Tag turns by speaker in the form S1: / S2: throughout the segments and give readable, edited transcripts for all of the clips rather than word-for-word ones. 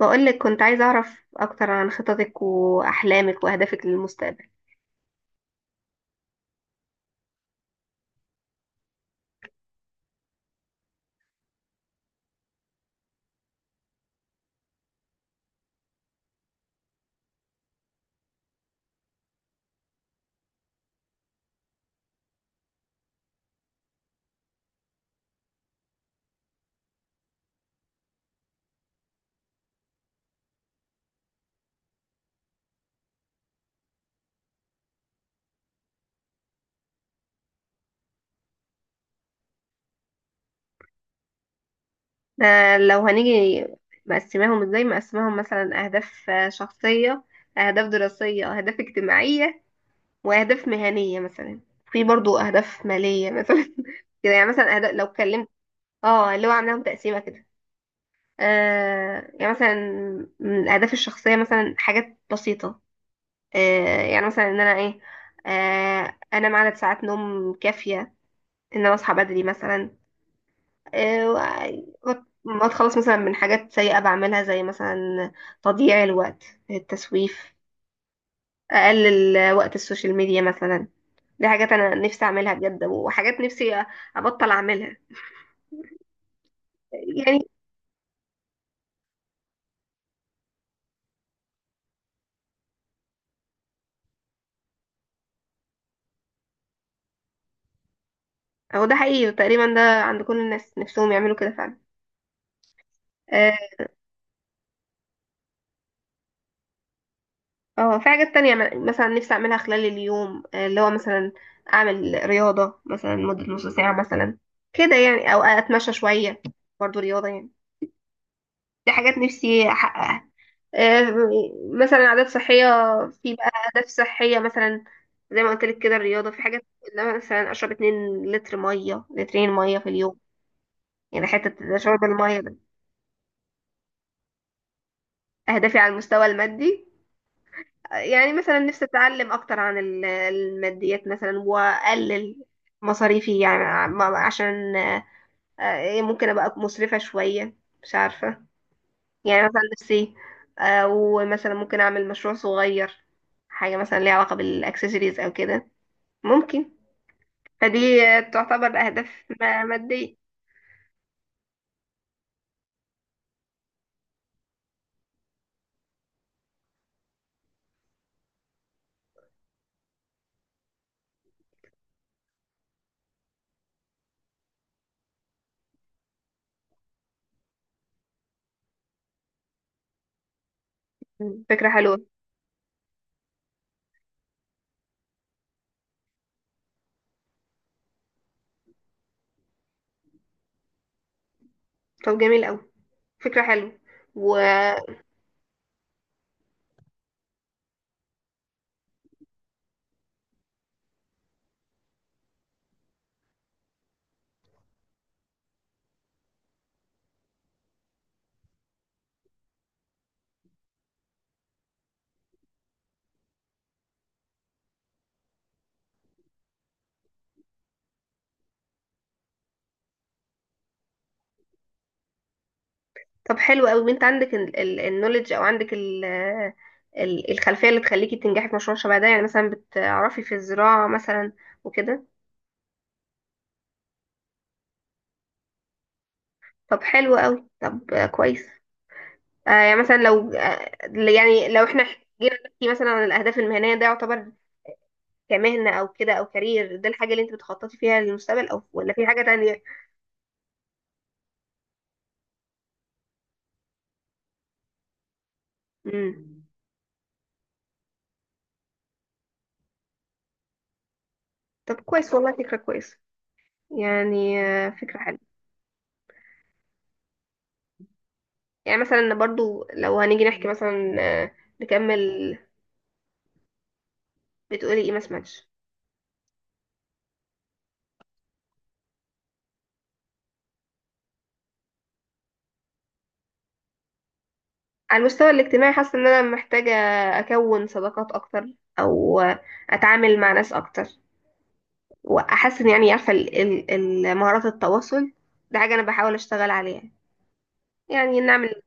S1: بقولك كنت عايزة أعرف أكتر عن خططك وأحلامك وأهدافك للمستقبل. ده لو هنيجي، مقسماهم مثلا أهداف شخصية، أهداف دراسية، أهداف اجتماعية، وأهداف مهنية مثلا. في برضو أهداف مالية مثلا كده يعني. مثلا أهداف لو اتكلمت، اه اللي هو عاملاهم تقسيمة كده. يعني مثلا من الأهداف الشخصية مثلا حاجات بسيطة. يعني مثلا إن أنا إيه، أنام عدد ساعات نوم كافية، إن أنا أصحى بدري مثلا. آه، وأ- ما اتخلص مثلا من حاجات سيئة بعملها، زي مثلا تضييع الوقت، التسويف، اقلل وقت السوشيال ميديا مثلا. دي حاجات انا نفسي اعملها بجد، وحاجات نفسي ابطل اعملها يعني. هو ده حقيقي، تقريبا ده عند كل الناس نفسهم يعملوا كده فعلا. اه. في حاجات تانية، مثلا نفسي اعملها خلال اليوم، اللي هو مثلا اعمل رياضة مثلا مدة نص ساعة مثلا كده يعني، او اتمشى شوية برضو رياضة يعني. دي حاجات نفسي احققها. آه، مثلا عادات صحية. في بقى أهداف صحية مثلا زي ما قلت لك كده الرياضة، في حاجات إن أنا مثلا أشرب 2 لتر مية، لترين مية في اليوم يعني. حتة شرب المية ده أهدافي على المستوى المادي. يعني مثلا نفسي أتعلم أكتر عن الماديات مثلا، وأقلل مصاريفي يعني، عشان ممكن أبقى مسرفة شوية، مش عارفة. يعني مثلا نفسي، ومثلا ممكن أعمل مشروع صغير، حاجة مثلا ليها علاقة بالأكسسوارز أو كده ممكن. فدي تعتبر أهداف مادية. مم. فكرة حلوة. طب جميل أوي، فكرة حلوة. و طب حلو أوي، أنت عندك النولج أو عندك ال، الخلفية اللي تخليكي تنجحي في مشروع شبه ده، يعني مثلا بتعرفي في الزراعة مثلا وكده. طب حلو أوي، طب كويس. يعني مثلا لو يعني لو احنا جينا نحكي مثلا عن الأهداف المهنية، ده يعتبر كمهنة أو كده أو كارير. ده الحاجة اللي أنت بتخططي فيها للمستقبل، أو ولا في حاجة تانية؟ مم. طب كويس والله، فكرة كويسة يعني، فكرة حلوة. يعني مثلا برضو لو هنيجي نحكي مثلا، نكمل. بتقولي ايه؟ ما سمعتش. على المستوى الاجتماعي، حاسة ان انا محتاجة اكون صداقات اكتر، او اتعامل مع ناس اكتر واحسن يعني، عارفة مهارات التواصل. ده حاجة انا بحاول اشتغل عليها يعني. نعمل،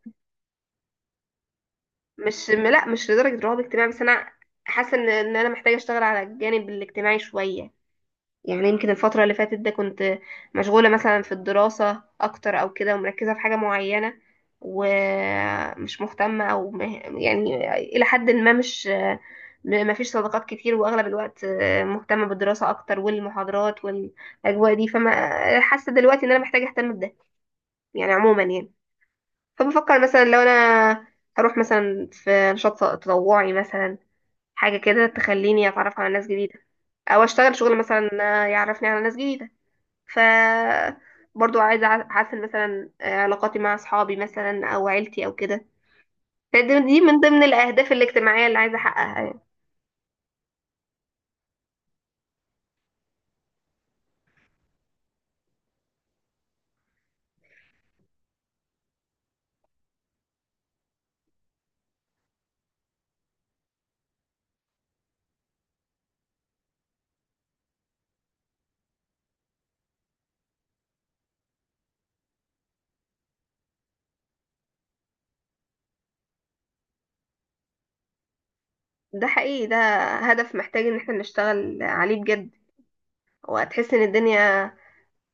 S1: مش لدرجة رهاب اجتماعي، بس انا حاسة ان انا محتاجة اشتغل على الجانب الاجتماعي شوية. يعني يمكن الفترة اللي فاتت ده كنت مشغولة مثلا في الدراسة أكتر أو كده، ومركزة في حاجة معينة، ومش مهتمة أو يعني إلى حد ما مش، ما فيش صداقات كتير، وأغلب الوقت مهتمة بالدراسة أكتر والمحاضرات والأجواء دي. فما حاسة دلوقتي إن أنا محتاجة أهتم بده يعني عموما يعني. فبفكر مثلا لو أنا هروح مثلا في نشاط تطوعي مثلا، حاجة كده تخليني أتعرف على ناس جديدة، أو أشتغل شغل مثلا يعرفني على ناس جديدة. ف برضو عايزة أحسن مثلا علاقاتي مع أصحابي مثلا أو عيلتي أو كده. فدي من ضمن الأهداف الاجتماعية اللي عايزة أحققها يعني. ده حقيقي، ده هدف محتاج إن احنا نشتغل عليه بجد. وهتحس إن الدنيا،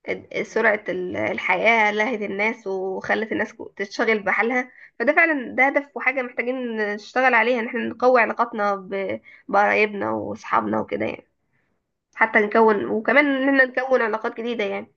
S1: سرعة الحياة لهت الناس، وخلت الناس تشتغل بحالها. فده فعلا ده هدف وحاجة محتاجين نشتغل عليها، إن احنا نقوي علاقاتنا بقرايبنا وأصحابنا وكده يعني، حتى نكون، وكمان إن احنا نكون علاقات جديدة يعني.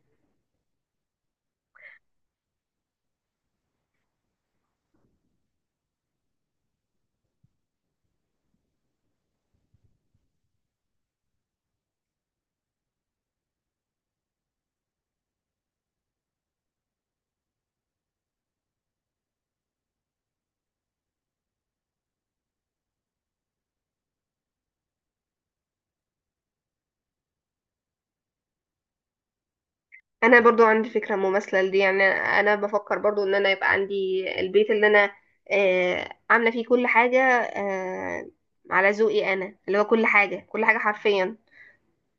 S1: انا برضو عندي فكره مماثله لدي يعني، انا بفكر برضو ان انا يبقى عندي البيت اللي انا آه عامله فيه كل حاجه، آه على ذوقي انا، اللي هو كل حاجه كل حاجه حرفيا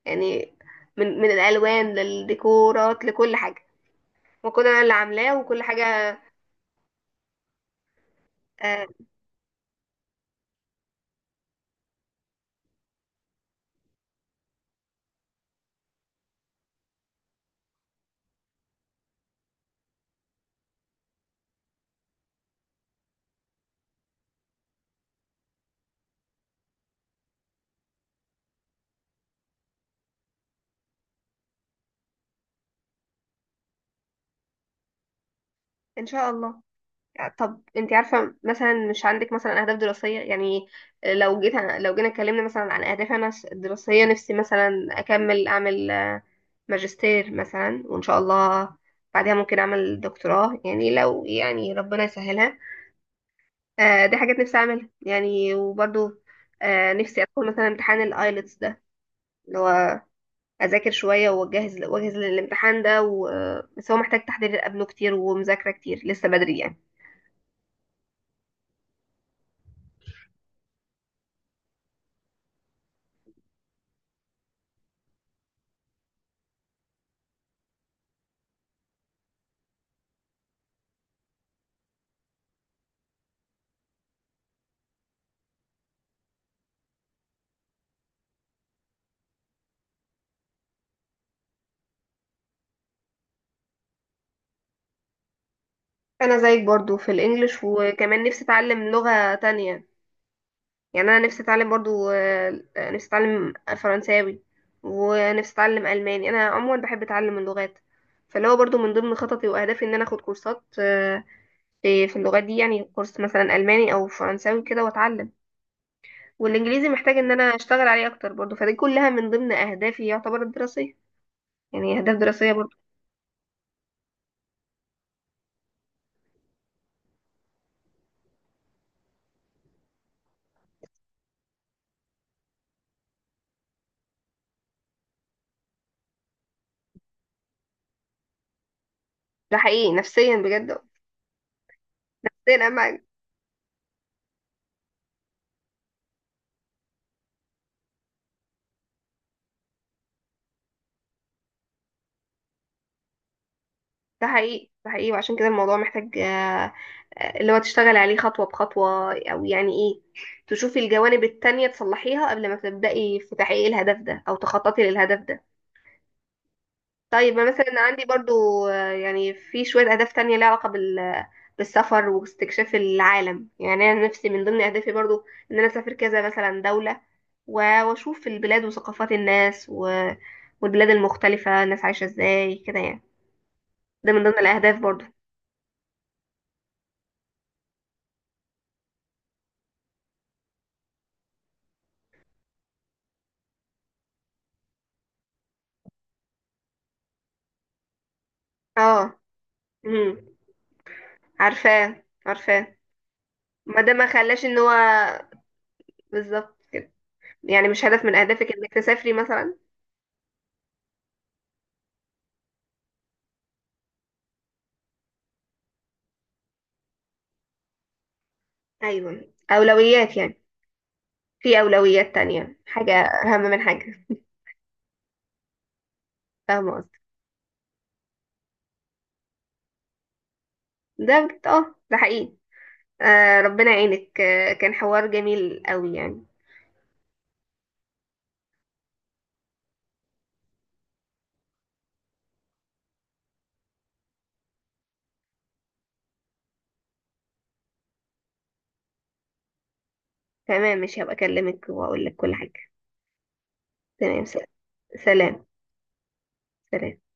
S1: يعني، من الالوان للديكورات لكل حاجه، وكل انا اللي عاملاه وكل حاجه. آه، ان شاء الله. طب انت عارفه، مثلا مش عندك مثلا اهداف دراسيه يعني؟ لو جينا اتكلمنا مثلا عن اهدافي انا الدراسيه، نفسي مثلا اكمل اعمل ماجستير مثلا، وان شاء الله بعدها ممكن اعمل دكتوراه يعني، لو يعني ربنا يسهلها. آه دي حاجات نفسي اعملها يعني، وبرضو آه نفسي ادخل مثلا امتحان الايلتس ده، اللي هو اذاكر شويه واجهز للامتحان ده و... بس هو محتاج تحضير قبله كتير، ومذاكره كتير لسه بدري يعني. انا زيك برضو في الانجليش، وكمان نفسي اتعلم لغه تانية. يعني انا نفسي اتعلم برضو نفسي اتعلم فرنساوي، ونفسي اتعلم الماني. انا عموما بحب اتعلم اللغات. فاللي هو برضو من ضمن خططي واهدافي ان انا اخد كورسات في اللغات دي يعني، كورس مثلا الماني او فرنساوي كده واتعلم. والانجليزي محتاج ان انا اشتغل عليه اكتر برضو. فدي كلها من ضمن اهدافي، يعتبر الدراسيه، يعني اهداف دراسيه برضو. ده حقيقي، نفسيا بجد. نفسيا اهم. ده حقيقي، ده حقيقي. وعشان كده الموضوع محتاج اللي هو تشتغل عليه خطوة بخطوة، أو يعني إيه، تشوفي الجوانب التانية تصلحيها قبل ما تبدأي في تحقيق الهدف ده، أو تخططي للهدف ده. طيب، ما مثلا عندي برضو يعني في شوية أهداف تانية ليها علاقة بال، بالسفر واستكشاف العالم. يعني أنا نفسي من ضمن أهدافي برضو، إن أنا أسافر كذا مثلا دولة، و- وأشوف البلاد وثقافات الناس و... والبلاد المختلفة، الناس عايشة إزاي كده يعني. ده من ضمن الأهداف برضو. اه. امم. عارفاه عارفاه. ما ده ما خلاش ان هو، بالظبط كده. يعني مش هدف من اهدافك انك تسافري مثلا؟ ايوه، اولويات يعني، في اولويات تانية، حاجة اهم من حاجة. فاهمة قصدي. ده بجد اه، ده حقيقي. آه ربنا يعينك. آه كان حوار جميل قوي يعني. تمام، مش هبقى اكلمك واقول لك كل حاجة. تمام. سلام. سلام.